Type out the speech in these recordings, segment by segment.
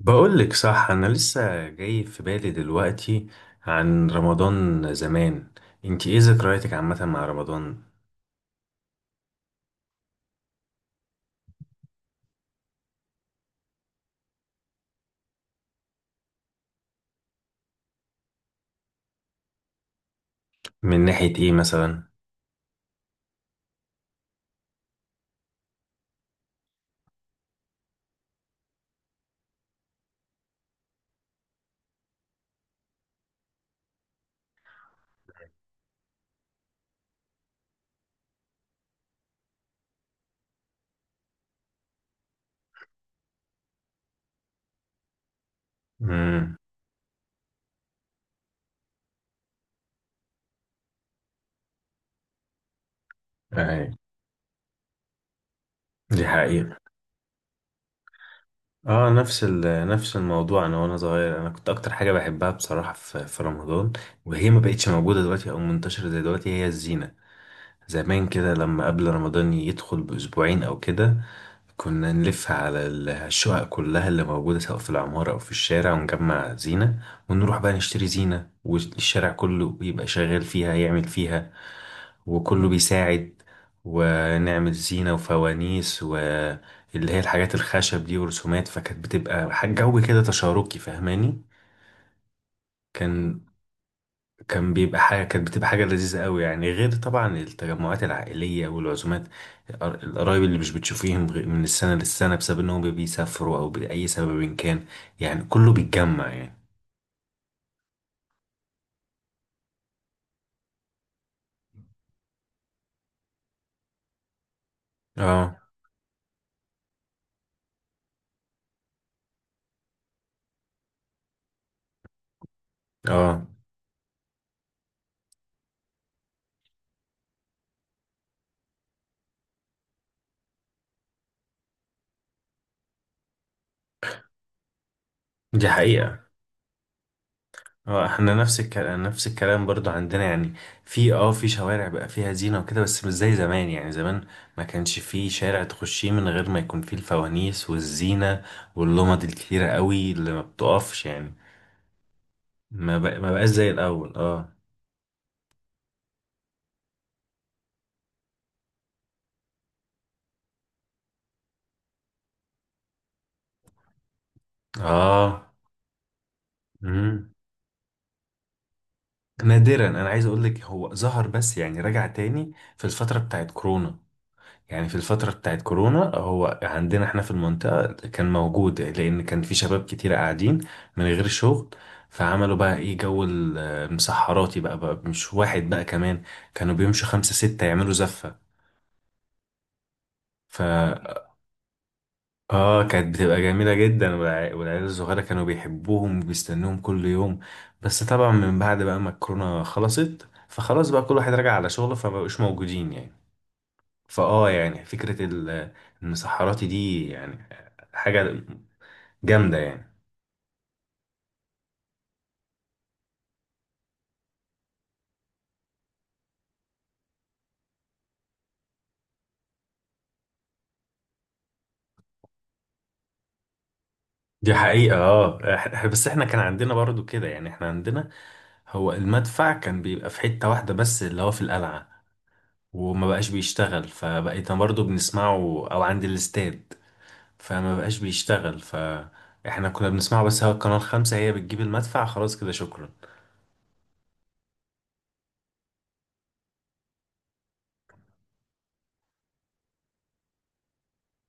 بقولك صح، أنا لسه جاي في بالي دلوقتي عن رمضان زمان. انتي ايه ذكرياتك عامة مع رمضان؟ من ناحية ايه مثلا؟ امم. اهي. دي حقيقة. اه، نفس نفس الموضوع. انا وانا صغير انا كنت اكتر حاجة بحبها بصراحة في رمضان، وهي ما بقتش موجودة دلوقتي او منتشرة زي دلوقتي، هي الزينة. زمان كده لما قبل رمضان يدخل بأسبوعين او كده، كنا نلف على الشقق كلها اللي موجودة سواء في العمارة أو في الشارع ونجمع زينة، ونروح بقى نشتري زينة، والشارع كله يبقى شغال فيها يعمل فيها وكله بيساعد، ونعمل زينة وفوانيس واللي هي الحاجات الخشب دي ورسومات. فكانت بتبقى حاجة جو كده، تشاركي، فاهماني؟ كان كان بيبقى حاجة، كانت بتبقى حاجة لذيذة قوي يعني، غير طبعا التجمعات العائلية والعزومات. القرايب اللي مش بتشوفيهم من السنة للسنة بسبب انهم بيسافروا او بأي سبب إن كان. يعني كله بيتجمع يعني. اه. اه، دي حقيقة. اه، احنا نفس الكلام، نفس الكلام برضو عندنا يعني. في اه، في شوارع بقى فيها زينة وكده، بس مش زي زمان. يعني زمان ما كانش في شارع تخشيه من غير ما يكون فيه الفوانيس والزينة واللمض الكتيرة قوي اللي ما بتقفش يعني. ما بقاش زي الاول، اه. اه. امم. نادرا، انا عايز اقول لك هو ظهر بس، يعني رجع تاني في الفتره بتاعت كورونا. يعني في الفتره بتاعت كورونا هو عندنا احنا في المنطقه كان موجود، لان كان في شباب كتير قاعدين من غير شغل. فعملوا بقى ايه، جو المسحراتي، بقى مش واحد بقى كمان، كانوا بيمشوا خمسة ستة يعملوا زفة. ف اه، كانت بتبقى جميلة جدا. والعيال الصغيرة كانوا بيحبوهم وبيستنوهم كل يوم. بس طبعا من بعد بقى ما الكورونا خلصت، فخلاص بقى كل واحد راجع على شغله، فمبقوش موجودين يعني. فاه، يعني فكرة المسحراتي دي يعني حاجة جامدة يعني. دي حقيقة. اه، بس احنا كان عندنا برضو كده يعني. احنا عندنا هو المدفع كان بيبقى في حتة واحدة بس، اللي هو في القلعة، وما بقاش بيشتغل، فبقيت برضو بنسمعه او عند الاستاد، فما بقاش بيشتغل، فاحنا كنا بنسمعه. بس هو القناة الخامسة هي بتجيب المدفع، خلاص كده شكرا.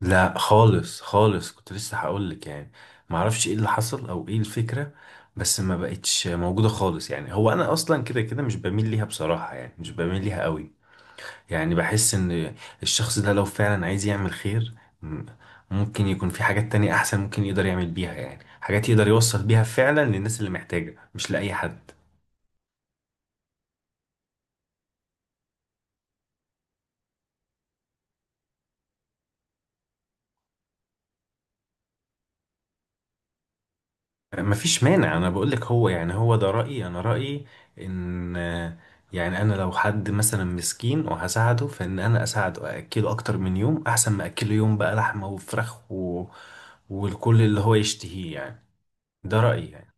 لا، خالص خالص. كنت لسه هقولك يعني. معرفش ايه اللي حصل او ايه الفكرة، بس ما بقتش موجودة خالص. يعني هو انا اصلا كده كده مش بميل ليها بصراحة يعني، مش بميل ليها قوي. يعني بحس ان الشخص ده لو فعلا عايز يعمل خير، م- ممكن يكون في حاجات تانية احسن ممكن يقدر يعمل بيها، يعني حاجات يقدر يوصل بيها فعلا للناس اللي محتاجة، مش لأي حد. مفيش مانع، انا بقولك هو يعني، هو ده رأيي، انا رأيي ان يعني انا لو حد مثلا مسكين وهساعده، فان انا اساعده اكله اكتر من يوم احسن ما اكله يوم بقى لحمة وفراخ و... والكل اللي هو يشتهيه يعني. ده رأيي يعني.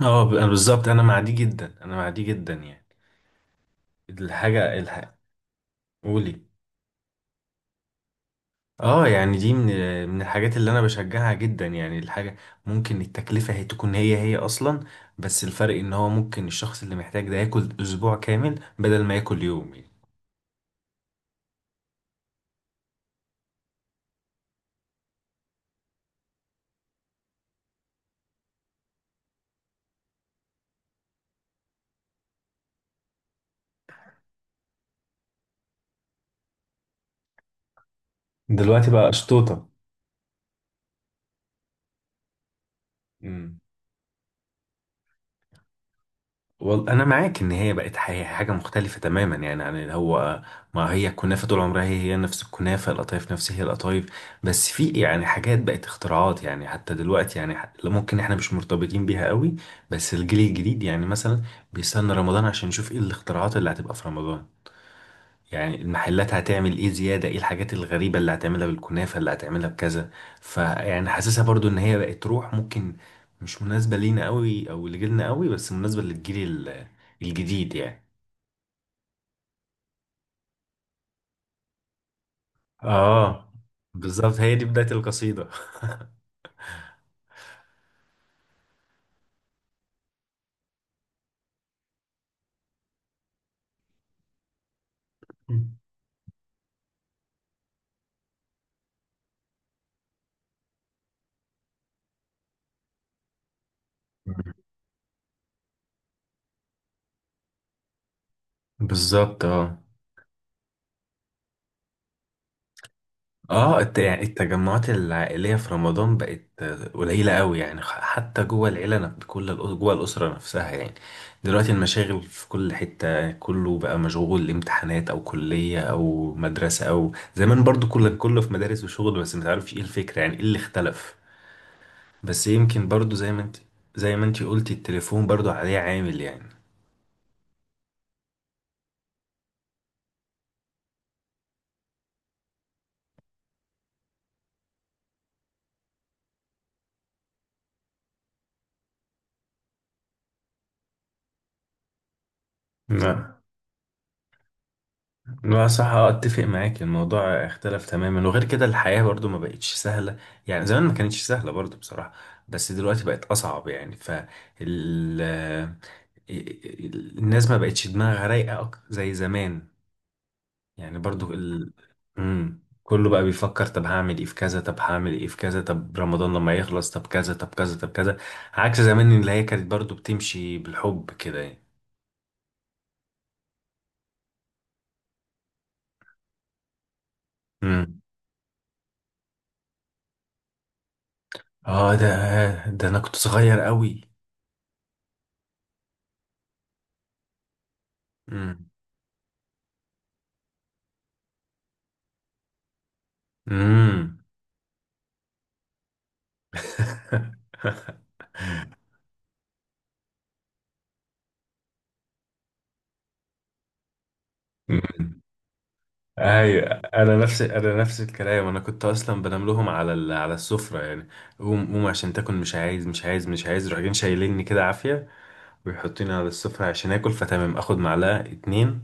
اه، بالظبط. انا مع دي جدا، انا مع دي جدا يعني. الحاجة، قولي. اه، يعني دي من الحاجات اللي انا بشجعها جدا يعني. الحاجة ممكن التكلفة هي تكون هي هي اصلا، بس الفرق ان هو ممكن الشخص اللي محتاج ده ياكل اسبوع كامل بدل ما ياكل يوم يعني. دلوقتي بقى قشطوطة. مم. والله انا معاك ان هي بقت حاجه مختلفه تماما يعني عن اللي هو، ما هي الكنافه طول عمرها هي هي نفس الكنافه، القطايف نفس هي القطايف، بس في يعني حاجات بقت اختراعات يعني. حتى دلوقتي يعني ممكن احنا مش مرتبطين بيها قوي، بس الجيل الجديد يعني مثلا بيستنى رمضان عشان يشوف ايه الاختراعات اللي هتبقى في رمضان. يعني المحلات هتعمل ايه زيادة، ايه الحاجات الغريبة اللي هتعملها بالكنافة، اللي هتعملها بكذا. فيعني حاسسها برضو ان هي بقت روح، ممكن مش مناسبة لينا قوي او لجيلنا قوي، بس مناسبة للجيل ال- الجديد يعني. اه، بالظبط، هي دي بداية القصيدة. بالظبط، اه. اه، يعني التجمعات العائلية في رمضان بقت قليلة قوي يعني. حتى جوه العيلة كل جوه الأسرة نفسها يعني. دلوقتي المشاغل في كل حتة، كله بقى مشغول امتحانات أو كلية أو مدرسة. أو زمان برضو كل كله في مدارس وشغل، بس متعرفش ايه الفكرة يعني، ايه اللي اختلف. بس يمكن برضو زي ما انت قلتي التليفون برضو عليه عامل يعني. نعم. لا صح، آه، اتفق معاك. الموضوع اختلف تماما. وغير كده الحياة برضو ما بقتش سهلة. يعني زمان ما كانتش سهلة برضو بصراحة، بس دلوقتي بقت اصعب يعني. الناس ما بقتش دماغها رايقة زي زمان. يعني برضو مم. كله بقى بيفكر طب هعمل ايه في كذا، طب هعمل ايه في كذا، طب رمضان لما يخلص طب كذا طب كذا طب كذا. عكس زمان اللي هي كانت برضو بتمشي بالحب كده يعني. مم. اه، ده انا كنت صغير قوي. امم. مم. ايوه، انا نفس، انا نفس الكلام. انا كنت اصلا بنام لهم على على السفره يعني. قوم قوم عشان تاكل، مش عايز مش عايز مش عايز، يروحوا جايين شايليني كده عافيه ويحطوني على السفره عشان اكل، فتمام اخد معلقه اتنين،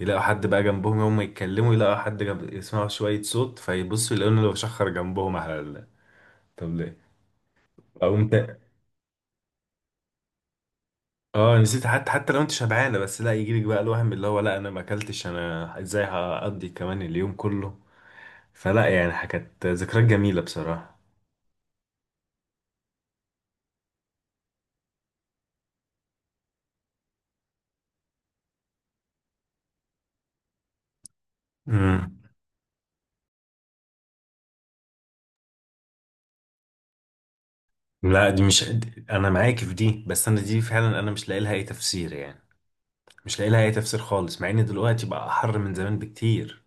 يلاقوا حد بقى جنبهم يوم ما يتكلموا، يلاقوا حد جنب، يسمعوا شويه صوت، فيبصوا يلاقوني اللي بشخر جنبهم على طب ليه؟ اقوم تا... اه، نسيت. حتى حتى لو انت شبعانه، بس لا يجيلك بقى الوهم اللي هو لا انا ما اكلتش، انا ازاي هقضي كمان اليوم كله. فلا يعني كانت ذكريات جميلة بصراحة. امم. لا دي مش انا معاك في دي، بس انا دي فعلا انا مش لاقي لها اي تفسير يعني. مش لاقي لها اي تفسير خالص، مع ان دلوقتي بقى احر من زمان بكتير.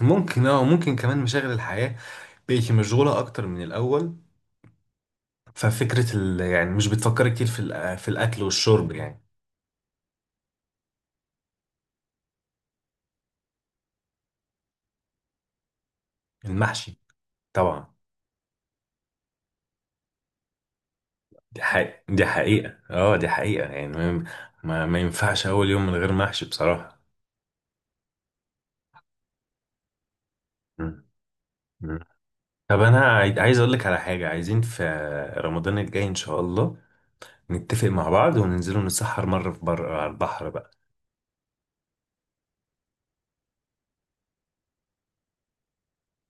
ممكن، اه ممكن كمان مشاغل الحياة بقت مشغولة اكتر من الاول. ففكرة يعني مش بتفكر كتير في في الاكل والشرب يعني. المحشي طبعا. دي حقيقة، دي حقيقة، اه دي حقيقة يعني. ما ينفعش اول يوم من غير محشي بصراحة. مم. طب انا عايز اقول لك على حاجه، عايزين في رمضان الجاي ان شاء الله نتفق مع بعض وننزلوا نتسحر مره في بر على البحر بقى.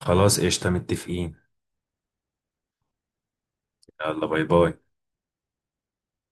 خلاص قشطه، متفقين. يلا، باي باي.